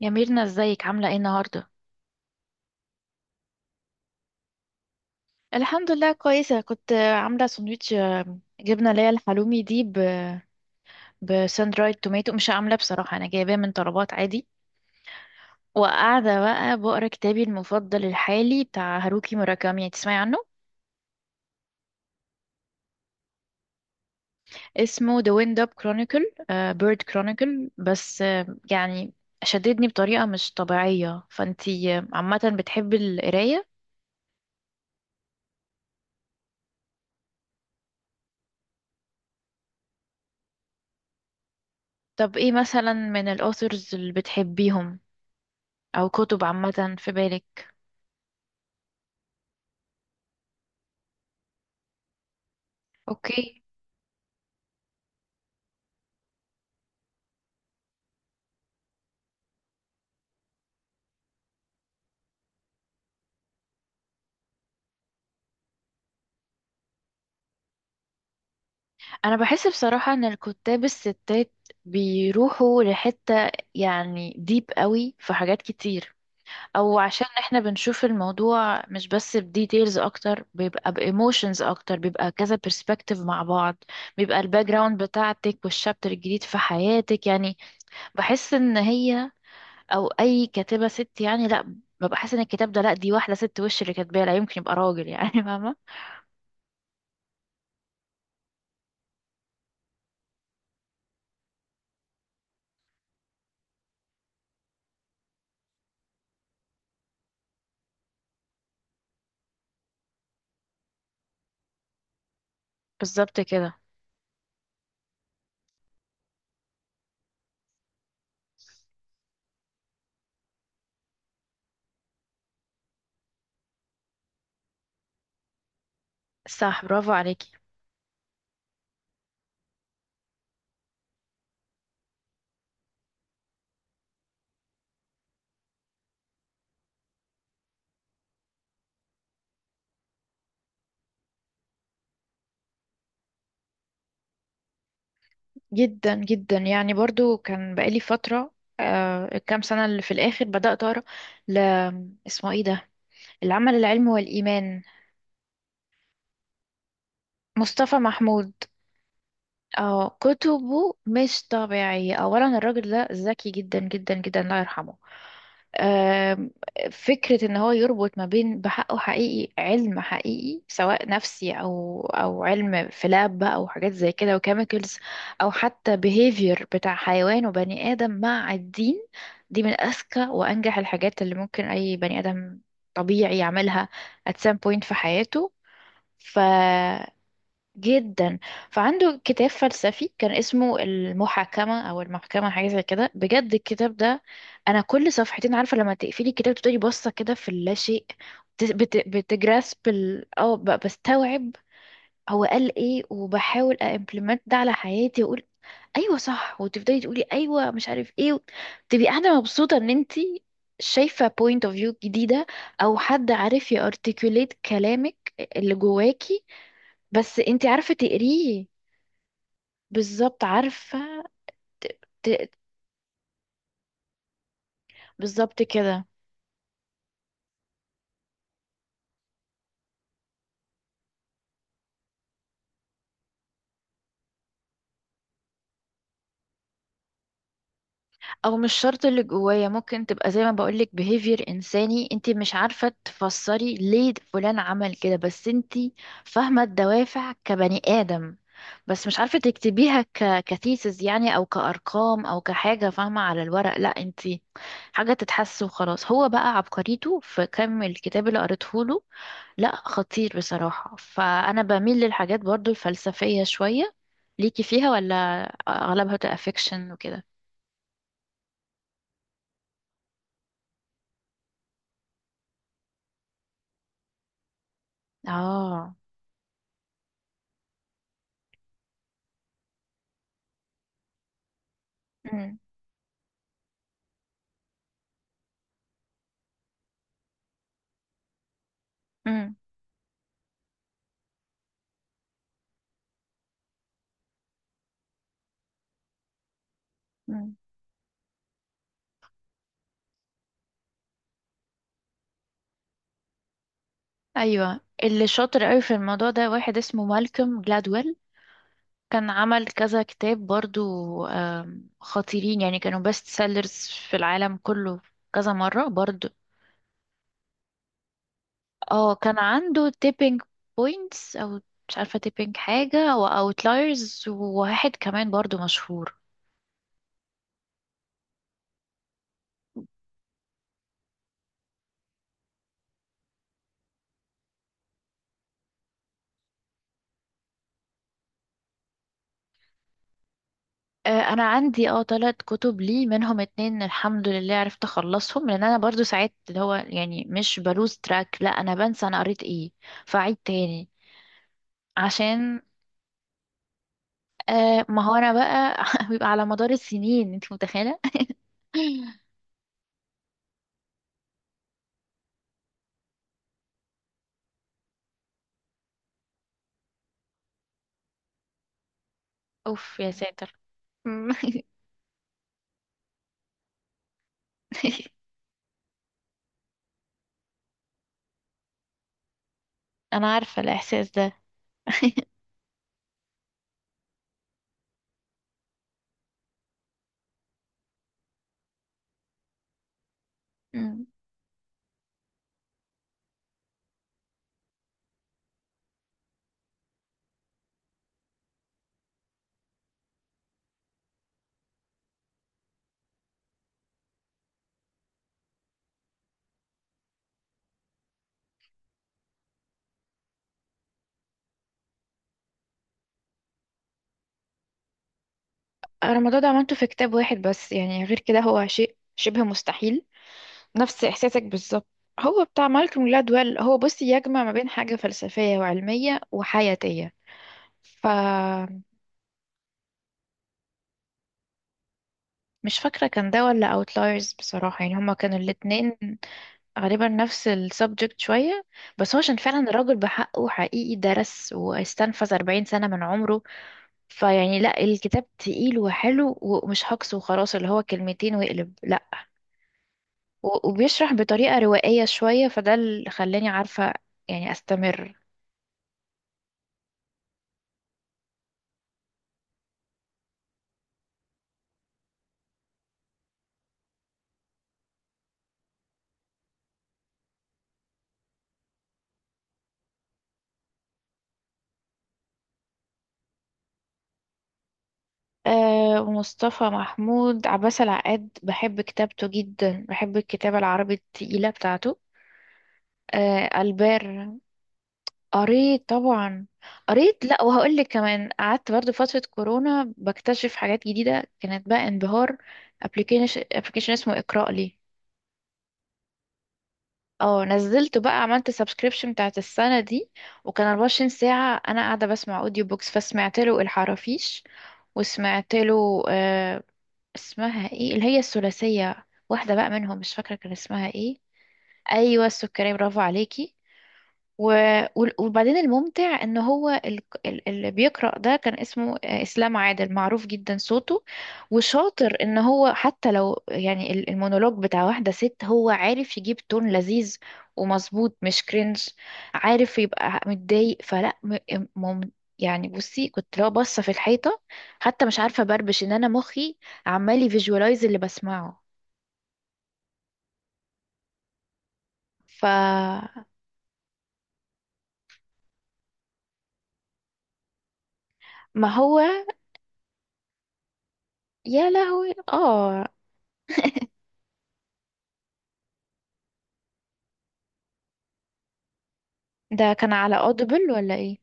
يا ميرنا ازيك عاملة ايه النهاردة؟ الحمد لله كويسة. كنت عاملة سندوتش جبنة اللي هي الحلومي دي بساند رايد توماتو. مش عاملة بصراحة، أنا جايباه من طلبات عادي. وقاعدة بقى بقرا كتابي المفضل الحالي بتاع هاروكي موراكامي، يعني تسمعي عنه؟ اسمه The Wind Up Chronicle، Bird Chronicle، بس يعني شددني بطريقة مش طبيعية. فانتي عامة بتحبي القراية؟ طب ايه مثلا من الأوثرز اللي بتحبيهم أو كتب عامة في بالك؟ اوكي. انا بحس بصراحة ان الكتاب الستات بيروحوا لحتة يعني ديب قوي في حاجات كتير، او عشان احنا بنشوف الموضوع مش بس بديتيلز اكتر، بيبقى بايموشنز اكتر، بيبقى كذا برسبكتيف مع بعض. بيبقى الباك جراوند بتاعتك والشابتر الجديد في حياتك يعني. بحس ان هي او اي كاتبة ست، يعني لا، ببقى حاسة ان الكتاب ده، لا دي واحدة ست وش اللي كاتباه، لا يمكن يبقى راجل يعني فاهمة؟ بالظبط كده. صح، برافو عليكي. جدا جدا يعني برضو، كان بقالي فترة آه الكام سنة اللي في الآخر بدأت أقرأ ل اسمه ايه ده، العمل العلمي والإيمان. مصطفى محمود، اه كتبه مش طبيعية. أولا الراجل ده ذكي جدا جدا جدا، الله يرحمه. آم، فكرة ان هو يربط ما بين بحقه حقيقي علم حقيقي، سواء نفسي او او علم في لاب بقى، او حاجات زي كده وكيميكلز، او حتى behavior بتاع حيوان وبني ادم مع الدين. دي من اذكى وانجح الحاجات اللي ممكن اي بني ادم طبيعي يعملها at some point في حياته. ف جدا. فعنده كتاب فلسفي كان اسمه المحاكمة أو المحكمة، حاجة زي كده، بجد الكتاب ده أنا كل صفحتين، عارفة لما تقفلي الكتاب تفضلي باصة كده في اللاشيء. بت- بت- بتجرasp ال أو ب- بستوعب هو قال إيه، وبحاول أمبلمنت ده على حياتي، وأقول أيوة صح، وتفضلي تقولي أيوة مش عارف إيه. تبقي قاعدة مبسوطة إن أنتي شايفة point of view جديدة، أو حد عارف يارتكوليت كلامك اللي جواكي، بس انت عارفة تقريه. بالظبط، عارفة. ت... ت... بالظبط كده. او مش شرط اللي جوايا، ممكن تبقى زي ما بقولك behavior انساني، انت مش عارفة تفسري ليه فلان عمل كده، بس انت فاهمة الدوافع كبني آدم، بس مش عارفة تكتبيها كثيسز يعني، او كأرقام او كحاجة فاهمة على الورق. لا انت حاجة تتحس وخلاص. هو بقى عبقريته في كم الكتاب اللي قريته له، لا خطير بصراحة. فأنا بميل للحاجات برضو الفلسفية شوية، ليكي فيها ولا أغلبها تبقى فيكشن وكده؟ اه. مم. مم. مم. أيوة اللي شاطر قوي في الموضوع ده واحد اسمه مالكوم جلادويل، كان عمل كذا كتاب برضو. خطيرين يعني، كانوا بيست سيلرز في العالم كله كذا مرة برضو. اه كان عنده تيبينج بوينتس، أو مش عارفة تيبينج حاجة، أو أوتلايرز، وواحد كمان برضو مشهور. انا عندي اه ثلاث كتب، لي منهم اتنين الحمد لله عرفت اخلصهم، لان انا برضو ساعات اللي هو يعني مش بلوز تراك، لا انا بنسى انا قريت ايه فاعيد تاني. عشان آه ما هو انا بقى بيبقى على مدار السنين، انت متخيله؟ اوف يا ساتر. مم. انا عارفه الاحساس ده. مم. انا الموضوع ده عملته في كتاب واحد بس، يعني غير كده هو شيء شبه مستحيل. نفس احساسك بالظبط. هو بتاع مالكوم جلادويل، هو بصي يجمع ما بين حاجة فلسفية وعلمية وحياتية. فمش فاكرة كان ده ولا اوتلايرز بصراحة، يعني هما كانوا الاتنين غالبا نفس السبجكت شوية. بس هو عشان فعلا الراجل بحقه حقيقي درس واستنفذ 40 سنة من عمره، فيعني لا الكتاب تقيل وحلو، ومش هجص وخلاص اللي هو كلمتين ويقلب، لا. وبيشرح بطريقة روائية شوية، فده اللي خلاني عارفة يعني استمر. آه ومصطفى محمود، عباس العقاد بحب كتابته جدا، بحب الكتابة العربي التقيلة بتاعته. آه ألبير. قريت طبعا. قريت، لا وهقول لك كمان، قعدت برضو فترة كورونا بكتشف حاجات جديدة، كانت بقى انبهار. ابلكيشن اسمه اقرأ لي. اه نزلته بقى، عملت سبسكريبشن بتاعت السنة دي، وكان 24 ساعة انا قاعدة بسمع اوديو بوكس. فسمعت له الحرافيش، وسمعت له اسمها ايه اللي هي الثلاثية، واحدة بقى منهم مش فاكرة كان اسمها ايه. ايوه السكرية، برافو عليكي. و... وبعدين الممتع ان هو اللي بيقرأ ده كان اسمه اسلام عادل، معروف جدا صوته. وشاطر ان هو حتى لو يعني المونولوج بتاع واحدة ست، هو عارف يجيب تون لذيذ ومظبوط مش كرنج. عارف يبقى متضايق فلا مم... يعني. بصي كنت لو باصة في الحيطة، حتى مش عارفة بربش ان انا مخي عمال يفيجوالايز اللي بسمعه. فما هو، يا لهوي اه. ده كان على اوديبل ولا ايه؟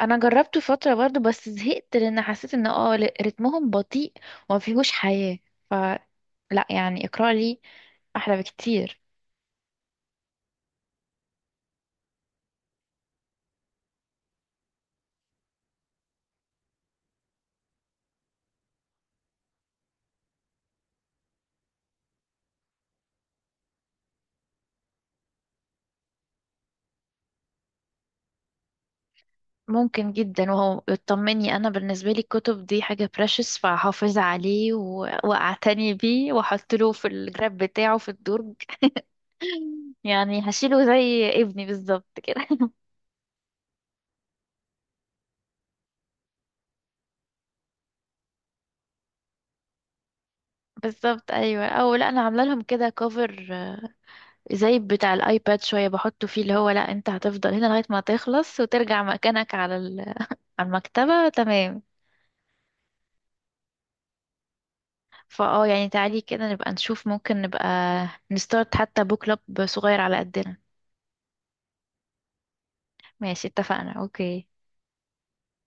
انا جربته فتره برضو بس زهقت، لان حسيت ان اه رتمهم بطيء وما فيهوش حياه. ف لا يعني اقرا لي احلى بكتير. ممكن جدا، وهو يطمني، انا بالنسبه لي الكتب دي حاجه بريشس، فهحافظ عليه و... واعتني بيه، واحط له في الجراب بتاعه في الدرج. يعني هشيله زي ابني بالظبط كده. بالظبط ايوه. او لا انا عامله لهم كده كفر زي بتاع الايباد شويه، بحطه فيه اللي هو لا انت هتفضل هنا لغايه ما تخلص وترجع مكانك على على المكتبه، تمام. فاه يعني تعالي كده نبقى نشوف، ممكن نبقى نستارت حتى بوك كلاب صغير على قدنا. ماشي اتفقنا، اوكي.